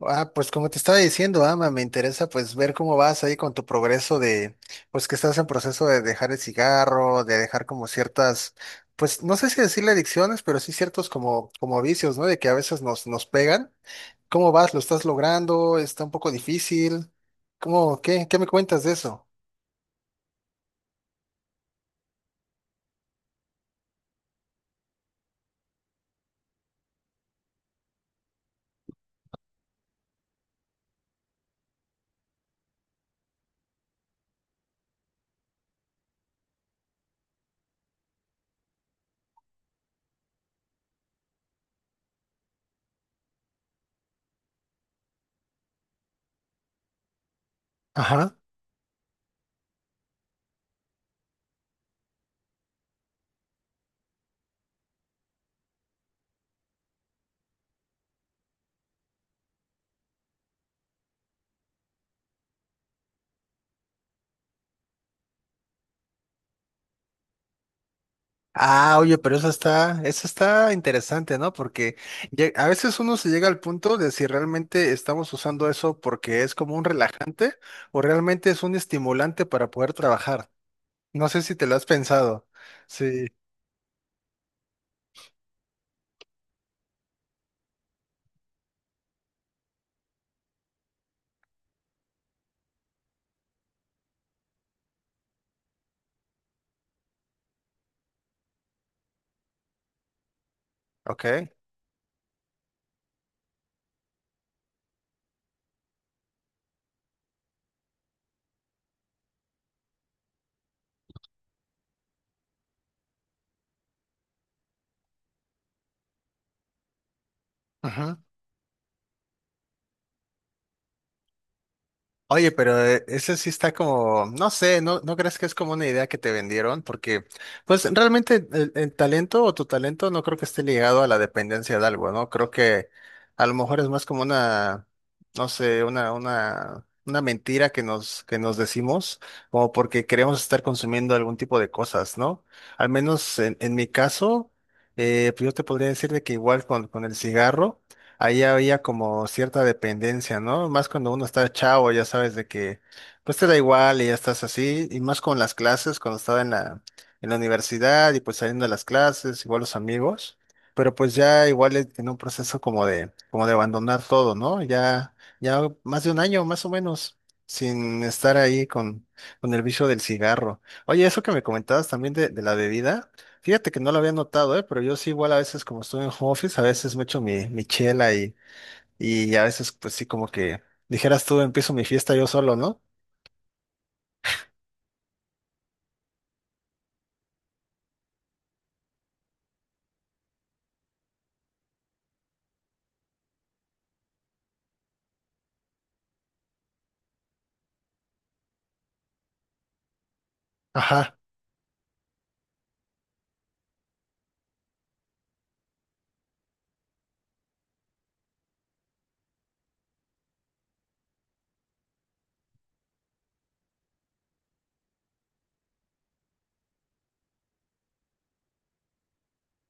Ah, pues como te estaba diciendo, Ama, me interesa pues ver cómo vas ahí con tu progreso pues que estás en proceso de dejar el cigarro, de dejar como pues no sé si decirle adicciones, pero sí ciertos como vicios, ¿no? De que a veces nos pegan. ¿Cómo vas? ¿Lo estás logrando? ¿Está un poco difícil? ¿Cómo, qué me cuentas de eso? Ajá. Ah, oye, pero eso está interesante, ¿no? Porque a veces uno se llega al punto de si realmente estamos usando eso porque es como un relajante o realmente es un estimulante para poder trabajar. No sé si te lo has pensado. Sí, ok. Oye, pero ese sí está como, no sé, ¿no, no crees que es como una idea que te vendieron? Porque, pues realmente el talento o tu talento no creo que esté ligado a la dependencia de algo, ¿no? Creo que a lo mejor es más como no sé, una mentira que que nos decimos, como porque queremos estar consumiendo algún tipo de cosas, ¿no? Al menos en mi caso, pues yo te podría decir de que igual con el cigarro ahí había como cierta dependencia, ¿no? Más cuando uno está chavo, ya sabes de que, pues te da igual y ya estás así, y más con las clases, cuando estaba en en la universidad y pues saliendo de las clases, igual los amigos, pero pues ya igual en un proceso como como de abandonar todo, ¿no? Ya, ya más de 1 año, más o menos, sin estar ahí con el vicio del cigarro. Oye, eso que me comentabas también de la bebida. Fíjate que no lo había notado, ¿eh? Pero yo sí igual a veces como estoy en home office, a veces me echo mi chela y a veces pues sí como que dijeras tú, empiezo mi fiesta yo solo, ¿no? Ajá.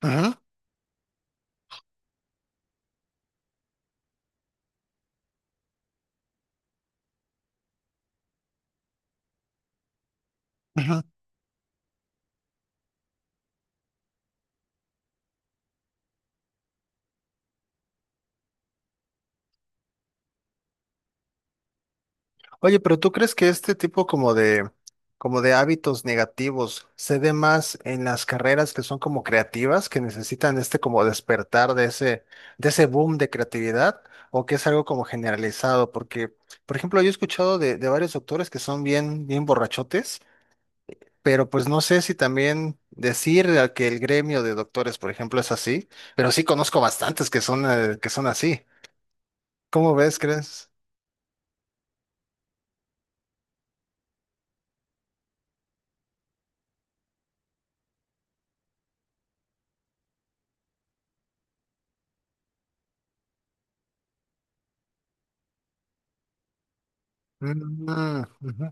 Ujú, ujú. Oye, pero ¿tú crees que este tipo como de hábitos negativos se dé más en las carreras que son como creativas, que necesitan este como despertar de de ese boom de creatividad? ¿O que es algo como generalizado? Porque, por ejemplo, yo he escuchado de varios doctores que son bien, bien borrachotes. Pero pues no sé si también decir a que el gremio de doctores, por ejemplo, es así, pero sí conozco bastantes que son así. ¿Cómo ves, crees? Mm, ujú.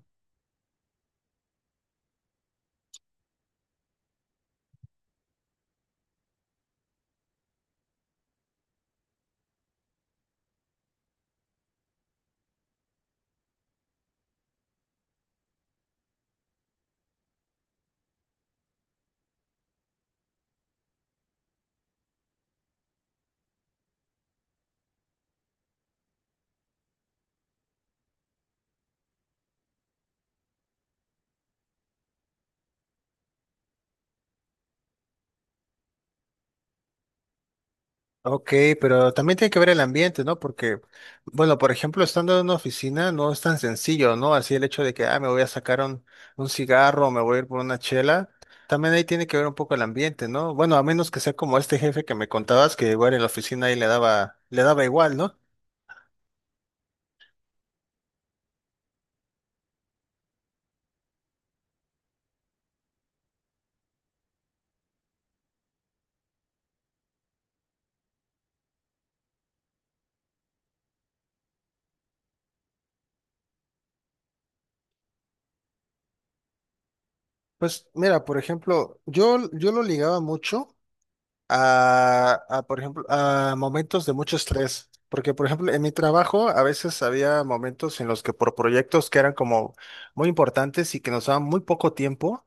Ok, pero también tiene que ver el ambiente, ¿no? Porque, bueno, por ejemplo, estando en una oficina no es tan sencillo, ¿no? Así el hecho de que, ah, me voy a sacar un cigarro, me voy a ir por una chela, también ahí tiene que ver un poco el ambiente, ¿no? Bueno, a menos que sea como este jefe que me contabas, que igual en la oficina ahí le daba igual, ¿no? Pues mira, por ejemplo, yo lo ligaba mucho por ejemplo, a momentos de mucho estrés, porque por ejemplo, en mi trabajo a veces había momentos en los que por proyectos que eran como muy importantes y que nos daban muy poco tiempo,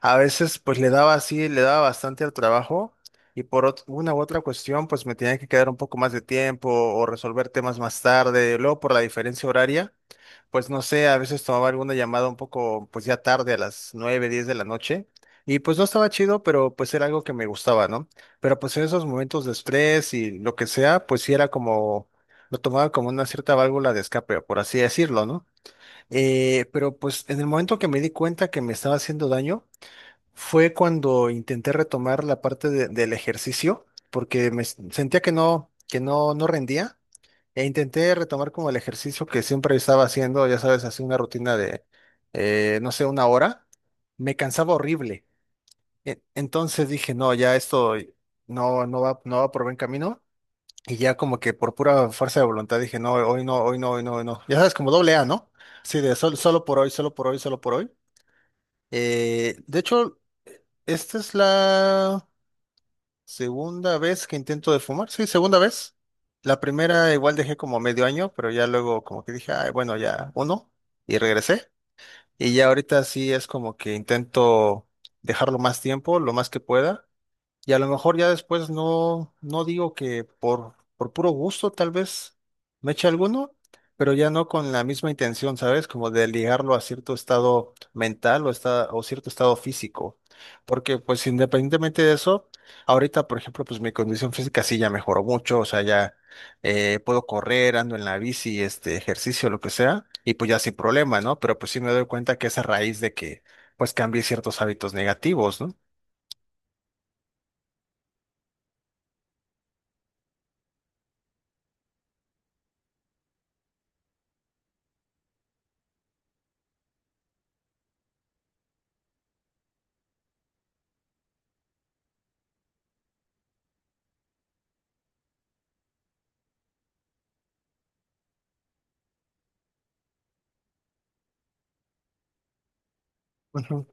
a veces pues le daba así, le daba bastante al trabajo y por una u otra cuestión pues me tenía que quedar un poco más de tiempo o resolver temas más tarde, luego por la diferencia horaria. Pues no sé, a veces tomaba alguna llamada un poco, pues ya tarde, a las 9, 10 de la noche, y pues no estaba chido, pero pues era algo que me gustaba, ¿no? Pero pues en esos momentos de estrés y lo que sea, pues sí era como, lo tomaba como una cierta válvula de escape, por así decirlo, ¿no? Pero pues en el momento que me di cuenta que me estaba haciendo daño, fue cuando intenté retomar la parte del ejercicio, porque me sentía que no, que no rendía. E intenté retomar como el ejercicio que siempre estaba haciendo, ya sabes, así una rutina de, no sé, 1 hora. Me cansaba horrible. Entonces dije, no, ya esto no, no va por buen camino. Y ya como que por pura fuerza de voluntad dije, no, hoy no, hoy no, hoy no, hoy no. Ya sabes, como doble A, ¿no? Sí, de solo por hoy, solo por hoy, solo por hoy. De hecho, esta es la... Segunda vez que intento de fumar, sí, segunda vez. La primera igual dejé como medio año, pero ya luego como que dije, "Ay, bueno, ya uno", y regresé. Y ya ahorita sí es como que intento dejarlo más tiempo, lo más que pueda. Y a lo mejor ya después no, no digo que por puro gusto tal vez me eche alguno, pero ya no con la misma intención, ¿sabes? Como de ligarlo a cierto estado mental o cierto estado físico. Porque pues independientemente de eso, ahorita por ejemplo pues mi condición física sí ya mejoró mucho, o sea, ya puedo correr, ando en la bici, este ejercicio, lo que sea, y pues ya sin problema, ¿no? Pero pues sí me doy cuenta que es a raíz de que pues cambié ciertos hábitos negativos, ¿no? Ujú.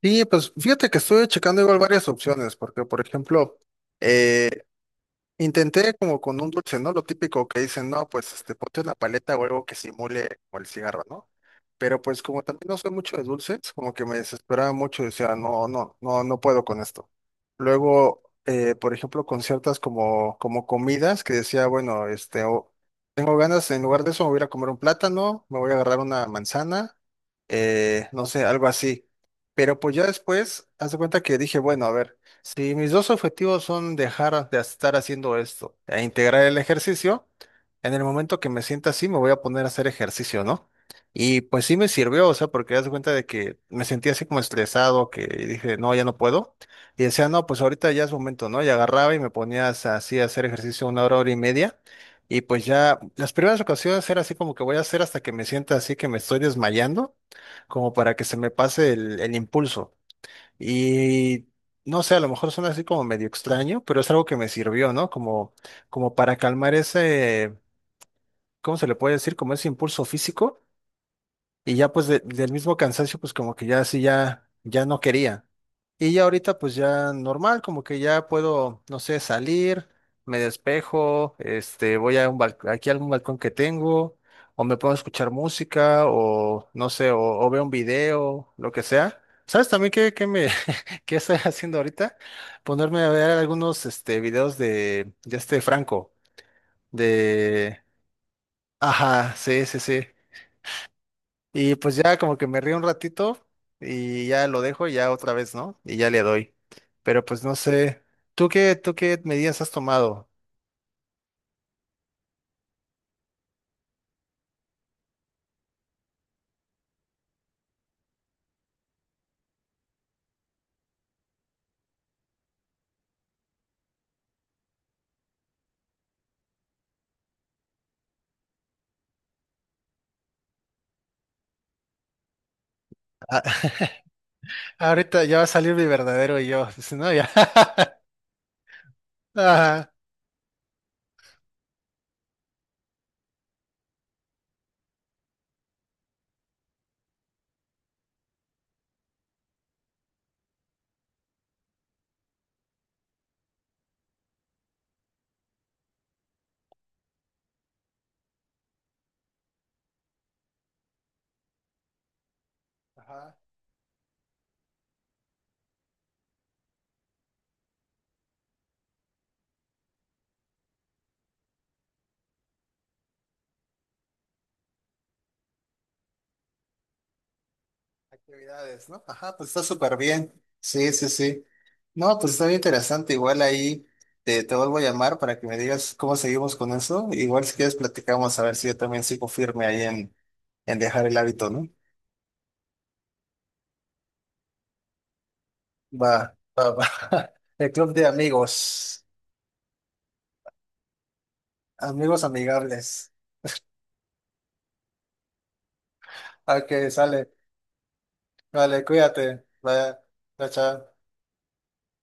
Sí, pues fíjate que estuve checando igual varias opciones, porque por ejemplo, eh, intenté como con un dulce, ¿no? Lo típico que dicen, no, pues este, ponte una paleta o algo que simule como el cigarro, ¿no? Pero pues como también no soy mucho de dulces, como que me desesperaba mucho y decía, no, no, no, no puedo con esto. Luego, por ejemplo, con ciertas como comidas que decía, bueno, este, tengo ganas, en lugar de eso me voy a ir a comer un plátano, me voy a agarrar una manzana, no sé, algo así. Pero pues ya después, haz de cuenta que dije, bueno, a ver. Sí, mis dos objetivos son dejar de estar haciendo esto e integrar el ejercicio. En el momento que me sienta así, me voy a poner a hacer ejercicio, ¿no? Y pues sí me sirvió, o sea, porque das cuenta de que me sentía así como estresado, que dije, no, ya no puedo. Y decía, no, pues ahorita ya es momento, ¿no? Y agarraba y me ponía así a hacer ejercicio 1 hora, hora y media. Y pues ya las primeras ocasiones era así como que voy a hacer hasta que me sienta así que me estoy desmayando, como para que se me pase el impulso. Y no sé, a lo mejor suena así como medio extraño, pero es algo que me sirvió, ¿no? Como, como para calmar ese, ¿cómo se le puede decir? Como ese impulso físico. Y ya pues del mismo cansancio, pues como que ya así ya, ya no quería. Y ya ahorita pues ya normal, como que ya puedo, no sé, salir, me despejo, este, voy a un aquí a algún balcón que tengo, o me puedo escuchar música, o no sé, o veo un video, lo que sea. ¿Sabes también qué, qué me qué estoy haciendo ahorita? Ponerme a ver algunos este videos de este Franco, de ajá, sí, sí, sí. Y pues ya como que me río un ratito y ya lo dejo y ya otra vez, ¿no? Y ya le doy. Pero pues no sé, tú qué medidas has tomado? Ah, ahorita ya va a salir mi verdadero yo, pues, ¿no? Ya. Ajá. Ajá, actividades, ¿no? Ajá, pues está súper bien. Sí, sí, sí. No, pues está bien interesante. Igual ahí te, te vuelvo a llamar para que me digas cómo seguimos con eso. Igual si quieres platicamos a ver si yo también sigo firme ahí en dejar el hábito, ¿no? Va, va, va. El club de amigos. Amigos amigables. Ok, sale. Vale, cuídate. Vaya, chao. Chao.